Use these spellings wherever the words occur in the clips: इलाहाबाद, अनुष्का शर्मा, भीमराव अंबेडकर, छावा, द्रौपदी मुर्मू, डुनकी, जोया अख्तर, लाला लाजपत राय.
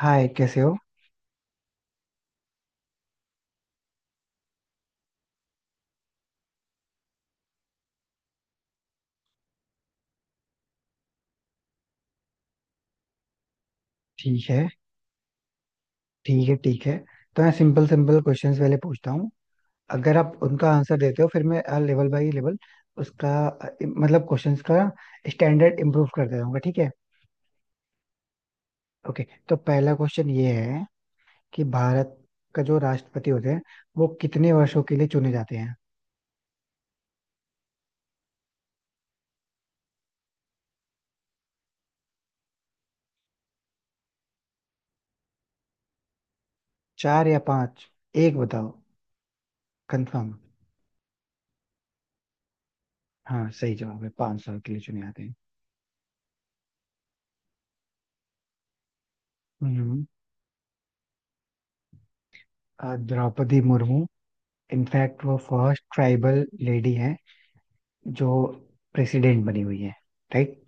हाय, कैसे हो? ठीक है, ठीक है, ठीक है। तो मैं सिंपल सिंपल क्वेश्चंस पहले पूछता हूँ। अगर आप उनका आंसर देते हो फिर मैं लेवल बाय लेवल उसका मतलब क्वेश्चंस का स्टैंडर्ड इम्प्रूव करते रहूंगा, ठीक है। ओके, तो पहला क्वेश्चन ये है कि भारत का जो राष्ट्रपति होते हैं वो कितने वर्षों के लिए चुने जाते हैं? चार या पांच? एक बताओ, कंफर्म। हाँ, सही जवाब है, पांच साल के लिए चुने जाते हैं। हम्म, द्रौपदी मुर्मू। इनफैक्ट वो फर्स्ट ट्राइबल लेडी है जो प्रेसिडेंट बनी हुई है, राइट।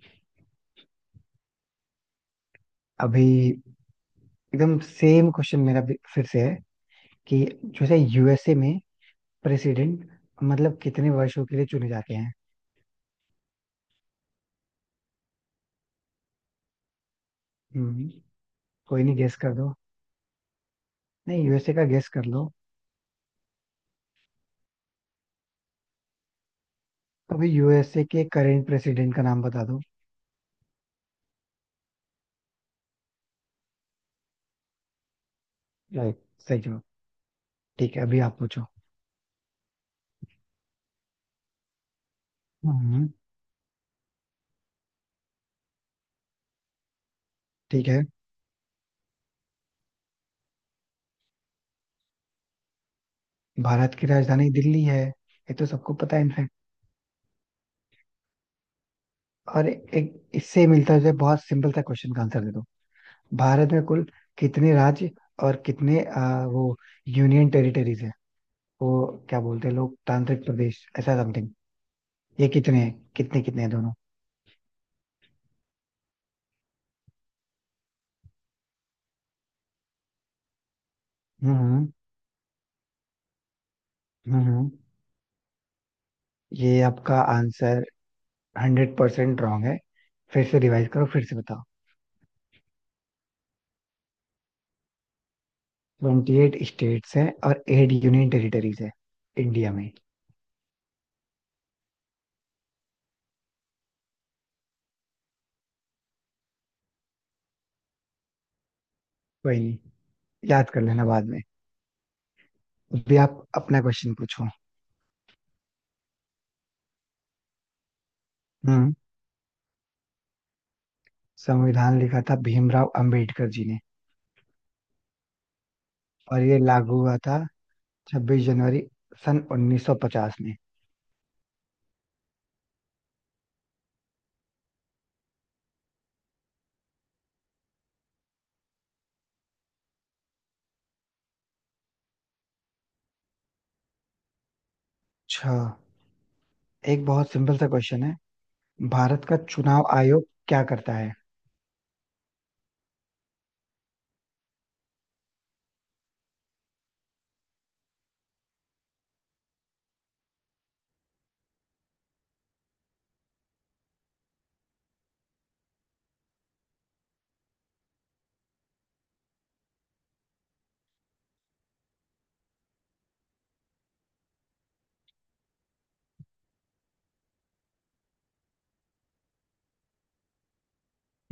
अभी एकदम सेम क्वेश्चन मेरा भी फिर से है कि जैसे यूएसए में प्रेसिडेंट मतलब कितने वर्षों के लिए चुने जाते हैं? हम्म। कोई नहीं, गेस कर दो। नहीं, यूएसए का गेस कर लो। तो अभी यूएसए के करेंट प्रेसिडेंट का नाम बता दो। राइट, सही जवाब। ठीक है, अभी आप पूछो। हम्म। ठीक है। भारत की राजधानी दिल्ली है। ये तो सबको पता है इनफैक्ट। और एक इससे मिलता जुलता बहुत सिंपल सा क्वेश्चन का आंसर दे दो। भारत में कुल कितने राज्य और कितने वो यूनियन टेरिटरीज है? वो क्या बोलते हैं लोग, तांत्रिक प्रदेश ऐसा समथिंग? ये कितने हैं? कितने कितने हैं दोनों? हम्म, हम्म, ये आपका आंसर 100% रॉन्ग है। फिर से रिवाइज करो, फिर से बताओ। 28 स्टेट्स हैं और 8 यूनियन टेरिटरीज है इंडिया में। कोई नहीं, याद कर लेना बाद में। अभी आप अपना क्वेश्चन पूछो। हम्म संविधान लिखा था भीमराव अंबेडकर जी ने। और ये लागू हुआ था 26 जनवरी सन 1950 में। अच्छा, एक बहुत सिंपल सा क्वेश्चन है। भारत का चुनाव आयोग क्या करता है?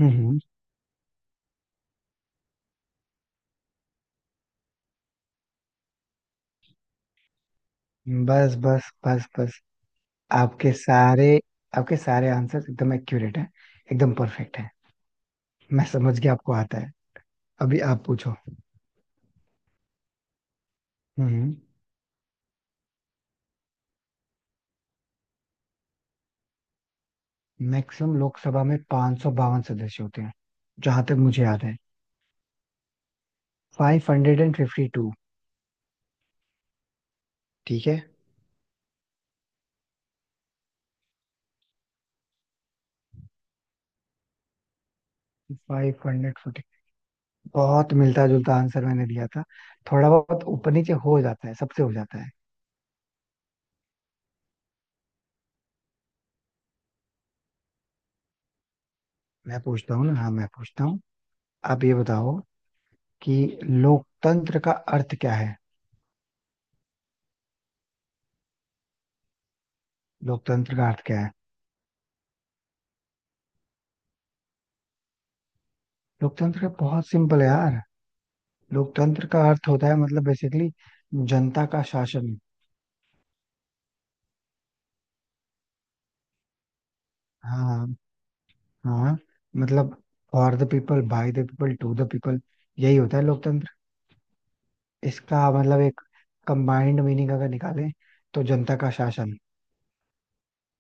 हम्म, बस, बस, बस, बस। आपके सारे आपके सारे आंसर एकदम एक्यूरेट है। एकदम परफेक्ट है। मैं समझ गया, आपको आता है। अभी आप पूछो। हम्म मैक्सिमम लोकसभा में 552 सदस्य होते हैं। जहां तक मुझे याद है, 552। ठीक है, 542। बहुत मिलता जुलता आंसर मैंने दिया था। थोड़ा बहुत ऊपर नीचे हो जाता है, सबसे हो जाता है। मैं पूछता हूँ ना, हाँ मैं पूछता हूँ। आप ये बताओ कि लोकतंत्र का अर्थ क्या है? लोकतंत्र का अर्थ क्या है? लोकतंत्र का बहुत सिंपल है यार। लोकतंत्र का अर्थ होता है मतलब बेसिकली जनता का शासन। हाँ, हाँ, मतलब for the people by the people to the people, यही होता है लोकतंत्र। इसका मतलब एक कंबाइंड मीनिंग अगर निकालें तो जनता का शासन,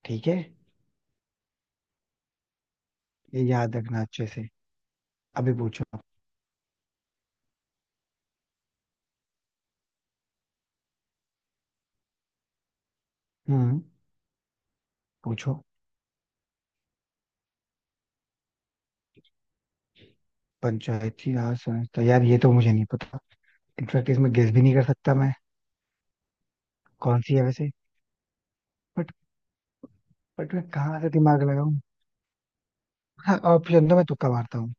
ठीक है। ये याद रखना अच्छे से। अभी पूछो आप। हम्म पूछो। पंचायती राज संस्था यार ये तो मुझे नहीं पता। इनफैक्ट इसमें गेस भी नहीं कर सकता मैं। कौन सी है वैसे? बट बट मैं कहाँ से दिमाग लगाऊं? हाँ, ऑप्शन तो मैं तुक्का मारता हूँ।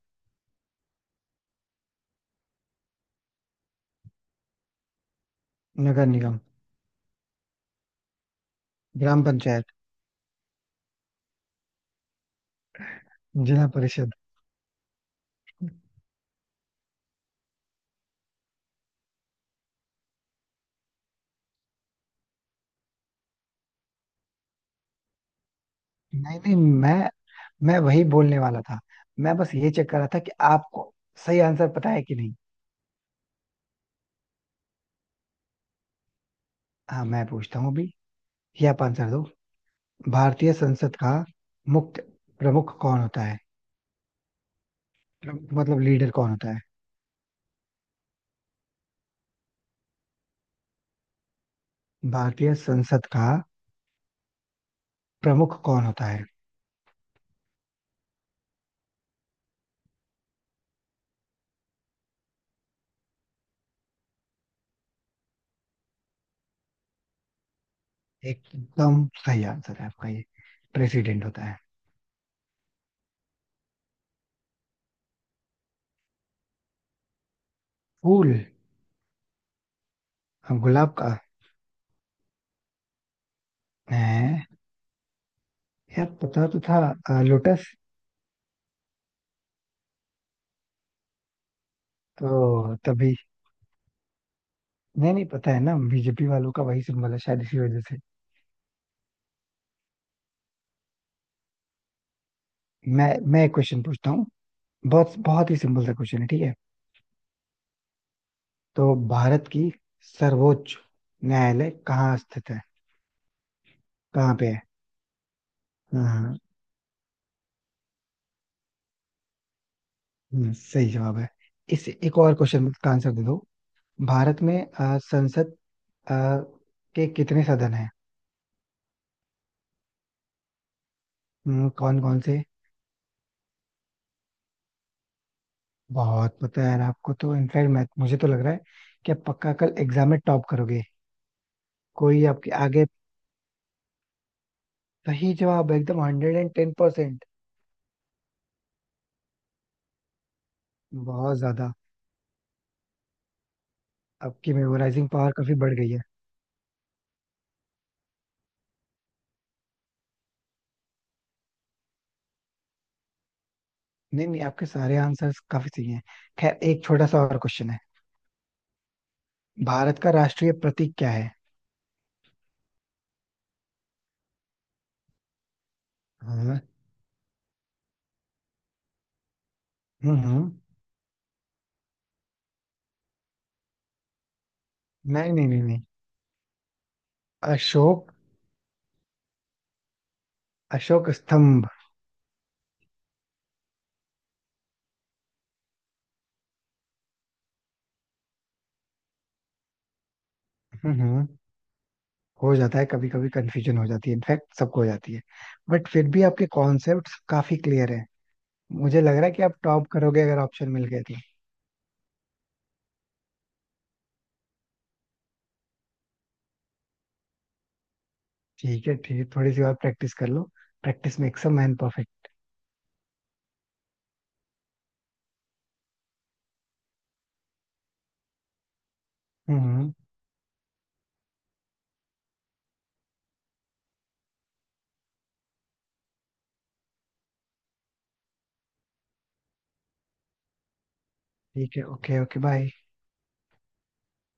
नगर निगम। ग्राम पंचायत। जिला परिषद। नहीं, नहीं, मैं वही बोलने वाला था। मैं बस ये चेक कर रहा था कि आपको सही आंसर पता है कि नहीं। हाँ, मैं पूछता हूँ अभी। ये आप आंसर दो। भारतीय संसद का मुख्य प्रमुख कौन होता है? प्रमुख मतलब लीडर कौन होता है? भारतीय संसद का प्रमुख कौन होता है? एकदम सही आंसर है आपका, ये प्रेसिडेंट होता है। फूल? हाँ, गुलाब का। है यार, पता तो था, लोटस। तो तभी। नहीं नहीं, पता है ना, बीजेपी वालों का वही सिंबल है शायद, इसी वजह से। मैं एक क्वेश्चन पूछता हूँ। बहुत बहुत ही सिंपल सा क्वेश्चन है, ठीक है। तो भारत की सर्वोच्च न्यायालय कहाँ स्थित है? कहाँ पे है? हाँ। सही जवाब है। इस एक और क्वेश्चन का आंसर दे दो। भारत में संसद अ, के कितने सदन हैं? कौन कौन से? बहुत पता है यार आपको तो। इनफैक्ट मैं मुझे तो लग रहा है कि आप पक्का कल एग्जाम में टॉप करोगे। कोई आपके आगे। सही जवाब, एकदम 110%। बहुत ज्यादा। आपकी मेमोराइजिंग पावर काफी बढ़ गई है। नहीं नहीं, आपके सारे आंसर्स काफी सही हैं। खैर, एक छोटा सा और क्वेश्चन है। भारत का राष्ट्रीय प्रतीक क्या है? हाँ। हम्म, नहीं नहीं नहीं नहीं, अशोक अशोक स्तंभ। हम्म, हो जाता है, कभी कभी कंफ्यूजन हो जाती है, इनफैक्ट सबको हो जाती है। बट फिर भी आपके कॉन्सेप्ट्स काफी क्लियर है। मुझे लग रहा है कि आप टॉप करोगे अगर ऑप्शन मिल गए तो। ठीक है, ठीक है, थोड़ी सी और प्रैक्टिस कर लो। Practice makes a man perfect. हम्म। ठीक है, ओके, ओके, बाय।